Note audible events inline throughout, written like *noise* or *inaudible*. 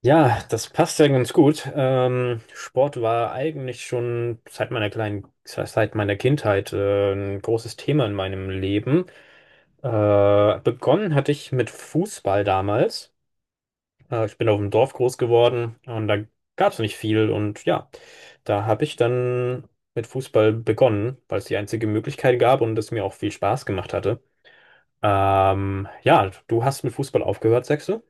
Ja, das passt ja ganz gut. Sport war eigentlich schon seit meiner Kindheit ein großes Thema in meinem Leben. Begonnen hatte ich mit Fußball damals. Ich bin auf dem Dorf groß geworden, und da gab es nicht viel. Und ja, da habe ich dann mit Fußball begonnen, weil es die einzige Möglichkeit gab und es mir auch viel Spaß gemacht hatte. Ja, du hast mit Fußball aufgehört, sagst du?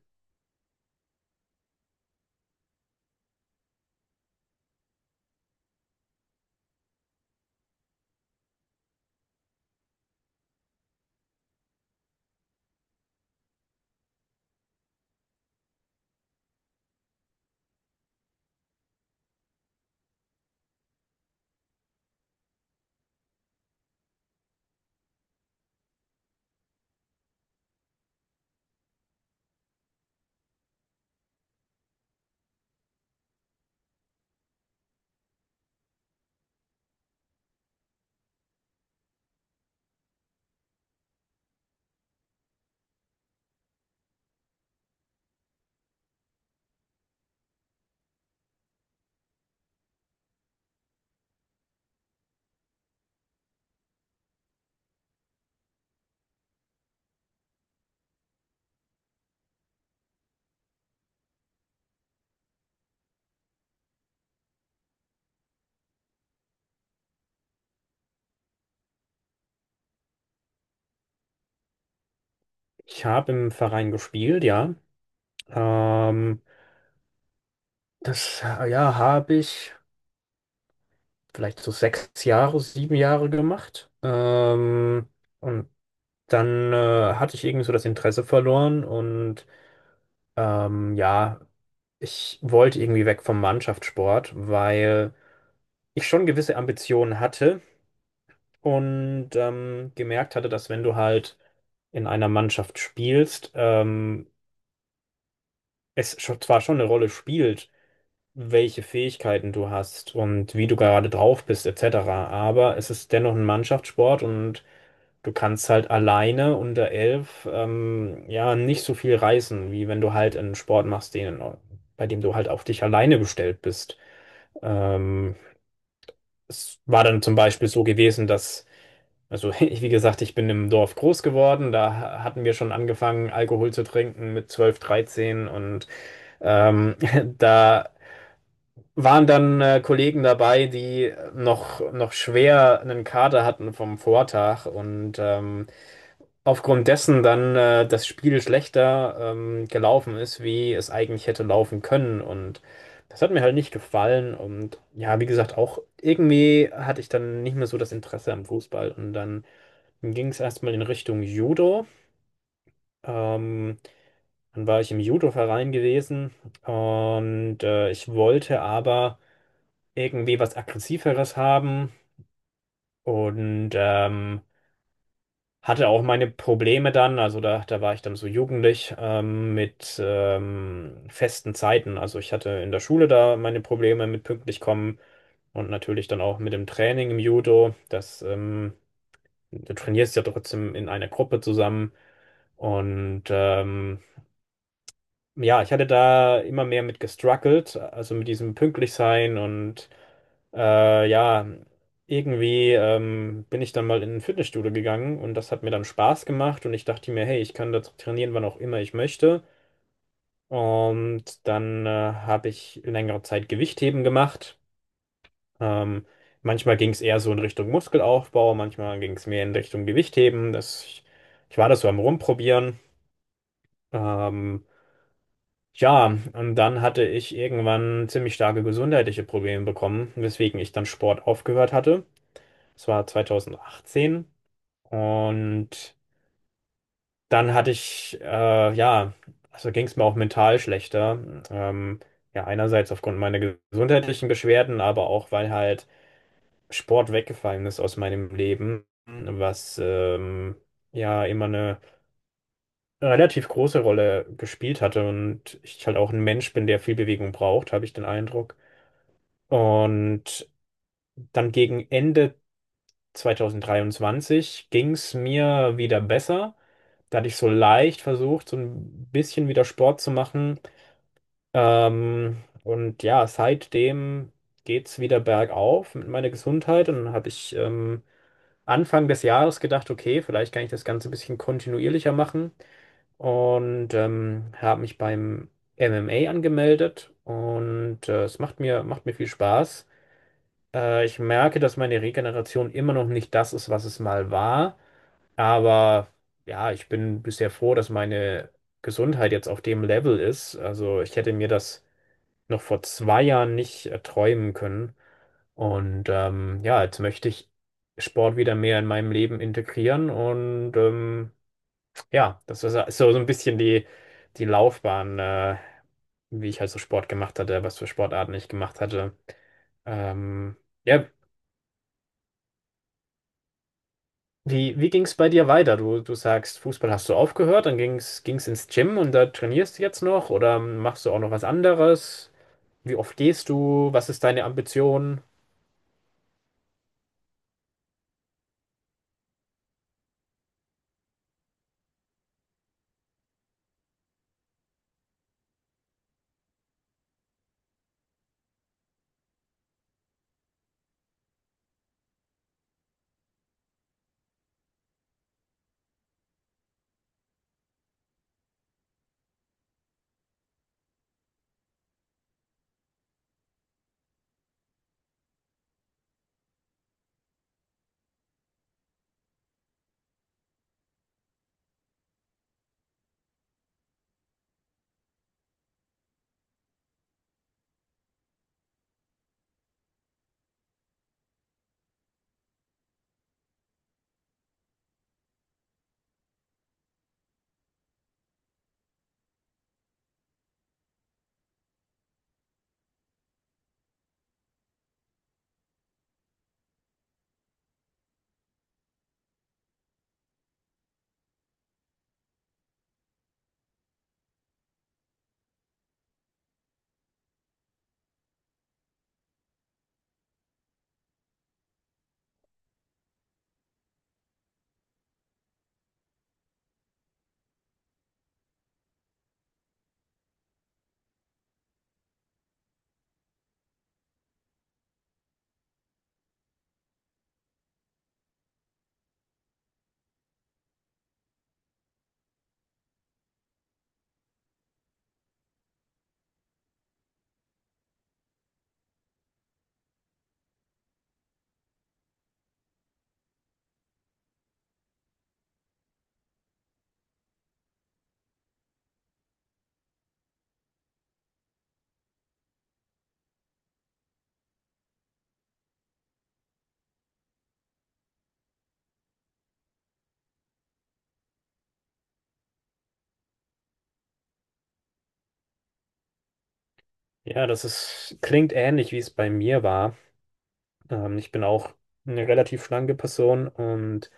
Ich habe im Verein gespielt, ja. Ähm, Das, ja, habe ich vielleicht so 6 Jahre, 7 Jahre gemacht. Und dann hatte ich irgendwie so das Interesse verloren und ja, ich wollte irgendwie weg vom Mannschaftssport, weil ich schon gewisse Ambitionen hatte und gemerkt hatte, dass, wenn du halt in einer Mannschaft spielst, es zwar schon eine Rolle spielt, welche Fähigkeiten du hast und wie du gerade drauf bist, etc. Aber es ist dennoch ein Mannschaftssport, und du kannst halt alleine unter 11 ja nicht so viel reißen, wie wenn du halt einen Sport machst, bei dem du halt auf dich alleine gestellt bist. Ähm, Es war dann zum Beispiel so gewesen, also *laughs* ich, wie gesagt, ich bin im Dorf groß geworden, da hatten wir schon angefangen, Alkohol zu trinken mit 12, 13, und ähm, *laughs* da waren dann Kollegen dabei, die noch schwer einen Kater hatten vom Vortag und aufgrund dessen dann das Spiel schlechter gelaufen ist, wie es eigentlich hätte laufen können. Und das hat mir halt nicht gefallen. Und ja, wie gesagt, auch irgendwie hatte ich dann nicht mehr so das Interesse am Fußball. Und dann ging es erstmal in Richtung Judo. Ähm, Dann war ich im Judo-Verein gewesen, und ich wollte aber irgendwie was Aggressiveres haben, und hatte auch meine Probleme dann, also da war ich dann so jugendlich mit festen Zeiten. Also ich hatte in der Schule da meine Probleme mit pünktlich kommen und natürlich dann auch mit dem Training im Judo. Du trainierst ja trotzdem in einer Gruppe zusammen, und ja, ich hatte da immer mehr mit gestruggelt, also mit diesem pünktlich sein und ja, irgendwie bin ich dann mal in ein Fitnessstudio gegangen, und das hat mir dann Spaß gemacht, und ich dachte mir, hey, ich kann da trainieren, wann auch immer ich möchte. Und dann habe ich längere Zeit Gewichtheben gemacht. Ähm, Manchmal ging es eher so in Richtung Muskelaufbau, manchmal ging es mehr in Richtung Gewichtheben. Ich war das so am Rumprobieren. Ähm, Tja, und dann hatte ich irgendwann ziemlich starke gesundheitliche Probleme bekommen, weswegen ich dann Sport aufgehört hatte. Das war 2018. Und dann hatte ich, ja, also ging es mir auch mental schlechter. Ja, einerseits aufgrund meiner gesundheitlichen Beschwerden, aber auch, weil halt Sport weggefallen ist aus meinem Leben, was ja immer eine relativ große Rolle gespielt hatte. Und ich halt auch ein Mensch bin, der viel Bewegung braucht, habe ich den Eindruck. Und dann gegen Ende 2023 ging es mir wieder besser. Da hatte ich so leicht versucht, so ein bisschen wieder Sport zu machen. Und ja, seitdem geht es wieder bergauf mit meiner Gesundheit. Und dann habe ich Anfang des Jahres gedacht, okay, vielleicht kann ich das Ganze ein bisschen kontinuierlicher machen. Und habe mich beim MMA angemeldet. Und es macht mir, viel Spaß. Ich merke, dass meine Regeneration immer noch nicht das ist, was es mal war. Aber ja, ich bin bisher froh, dass meine Gesundheit jetzt auf dem Level ist. Also ich hätte mir das noch vor 2 Jahren nicht erträumen können. Und ja, jetzt möchte ich Sport wieder mehr in meinem Leben integrieren. Und ja, das ist so ein bisschen die Laufbahn, wie ich halt so Sport gemacht hatte, was für Sportarten ich gemacht hatte. Ähm, ja, wie ging es bei dir weiter? Du sagst, Fußball hast du aufgehört, dann ging's ins Gym, und da trainierst du jetzt noch oder machst du auch noch was anderes? Wie oft gehst du? Was ist deine Ambition? Ja, klingt ähnlich, wie es bei mir war. Ich bin auch eine relativ schlanke Person, und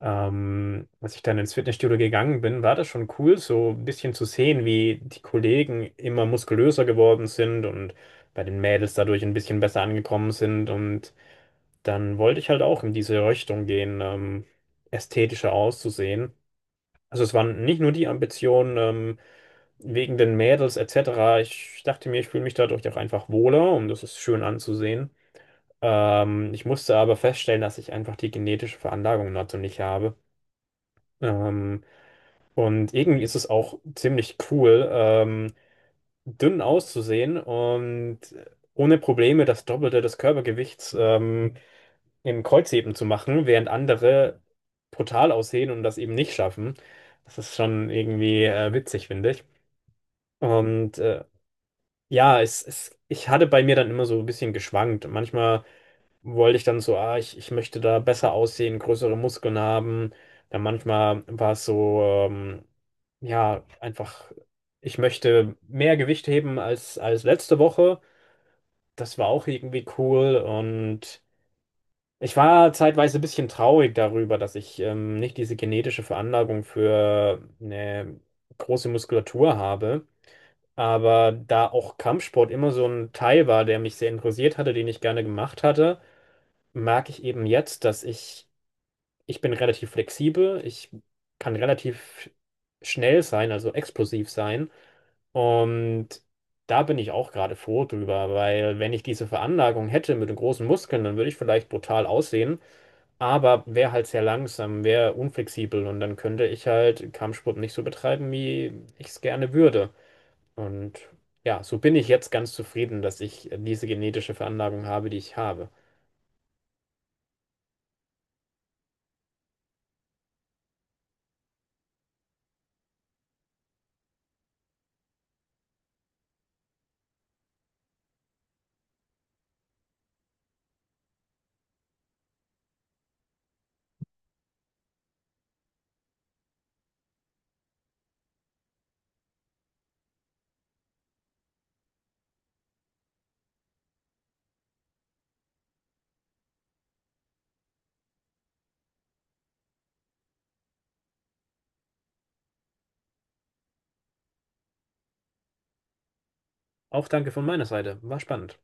als ich dann ins Fitnessstudio gegangen bin, war das schon cool, so ein bisschen zu sehen, wie die Kollegen immer muskulöser geworden sind und bei den Mädels dadurch ein bisschen besser angekommen sind, und dann wollte ich halt auch in diese Richtung gehen, ästhetischer auszusehen. Also es waren nicht nur die Ambitionen wegen den Mädels, etc. Ich dachte mir, ich fühle mich dadurch auch einfach wohler, und das ist schön anzusehen. Ich musste aber feststellen, dass ich einfach die genetische Veranlagung dazu nicht habe. Ähm, und irgendwie ist es auch ziemlich cool, dünn auszusehen und ohne Probleme das Doppelte des Körpergewichts im Kreuzheben zu machen, während andere brutal aussehen und das eben nicht schaffen. Das ist schon irgendwie witzig, finde ich. Und ja, ich hatte bei mir dann immer so ein bisschen geschwankt. Manchmal wollte ich dann so, ah, ich möchte da besser aussehen, größere Muskeln haben. Dann manchmal war es so, ja, einfach, ich möchte mehr Gewicht heben als letzte Woche. Das war auch irgendwie cool. Und ich war zeitweise ein bisschen traurig darüber, dass ich nicht diese genetische Veranlagung für eine große Muskulatur habe. Aber da auch Kampfsport immer so ein Teil war, der mich sehr interessiert hatte, den ich gerne gemacht hatte, merke ich eben jetzt, dass ich bin relativ flexibel, ich kann relativ schnell sein, also explosiv sein. Und da bin ich auch gerade froh drüber, weil, wenn ich diese Veranlagung hätte mit den großen Muskeln, dann würde ich vielleicht brutal aussehen, aber wäre halt sehr langsam, wäre unflexibel, und dann könnte ich halt Kampfsport nicht so betreiben, wie ich es gerne würde. Und ja, so bin ich jetzt ganz zufrieden, dass ich diese genetische Veranlagung habe, die ich habe. Auch danke von meiner Seite, war spannend.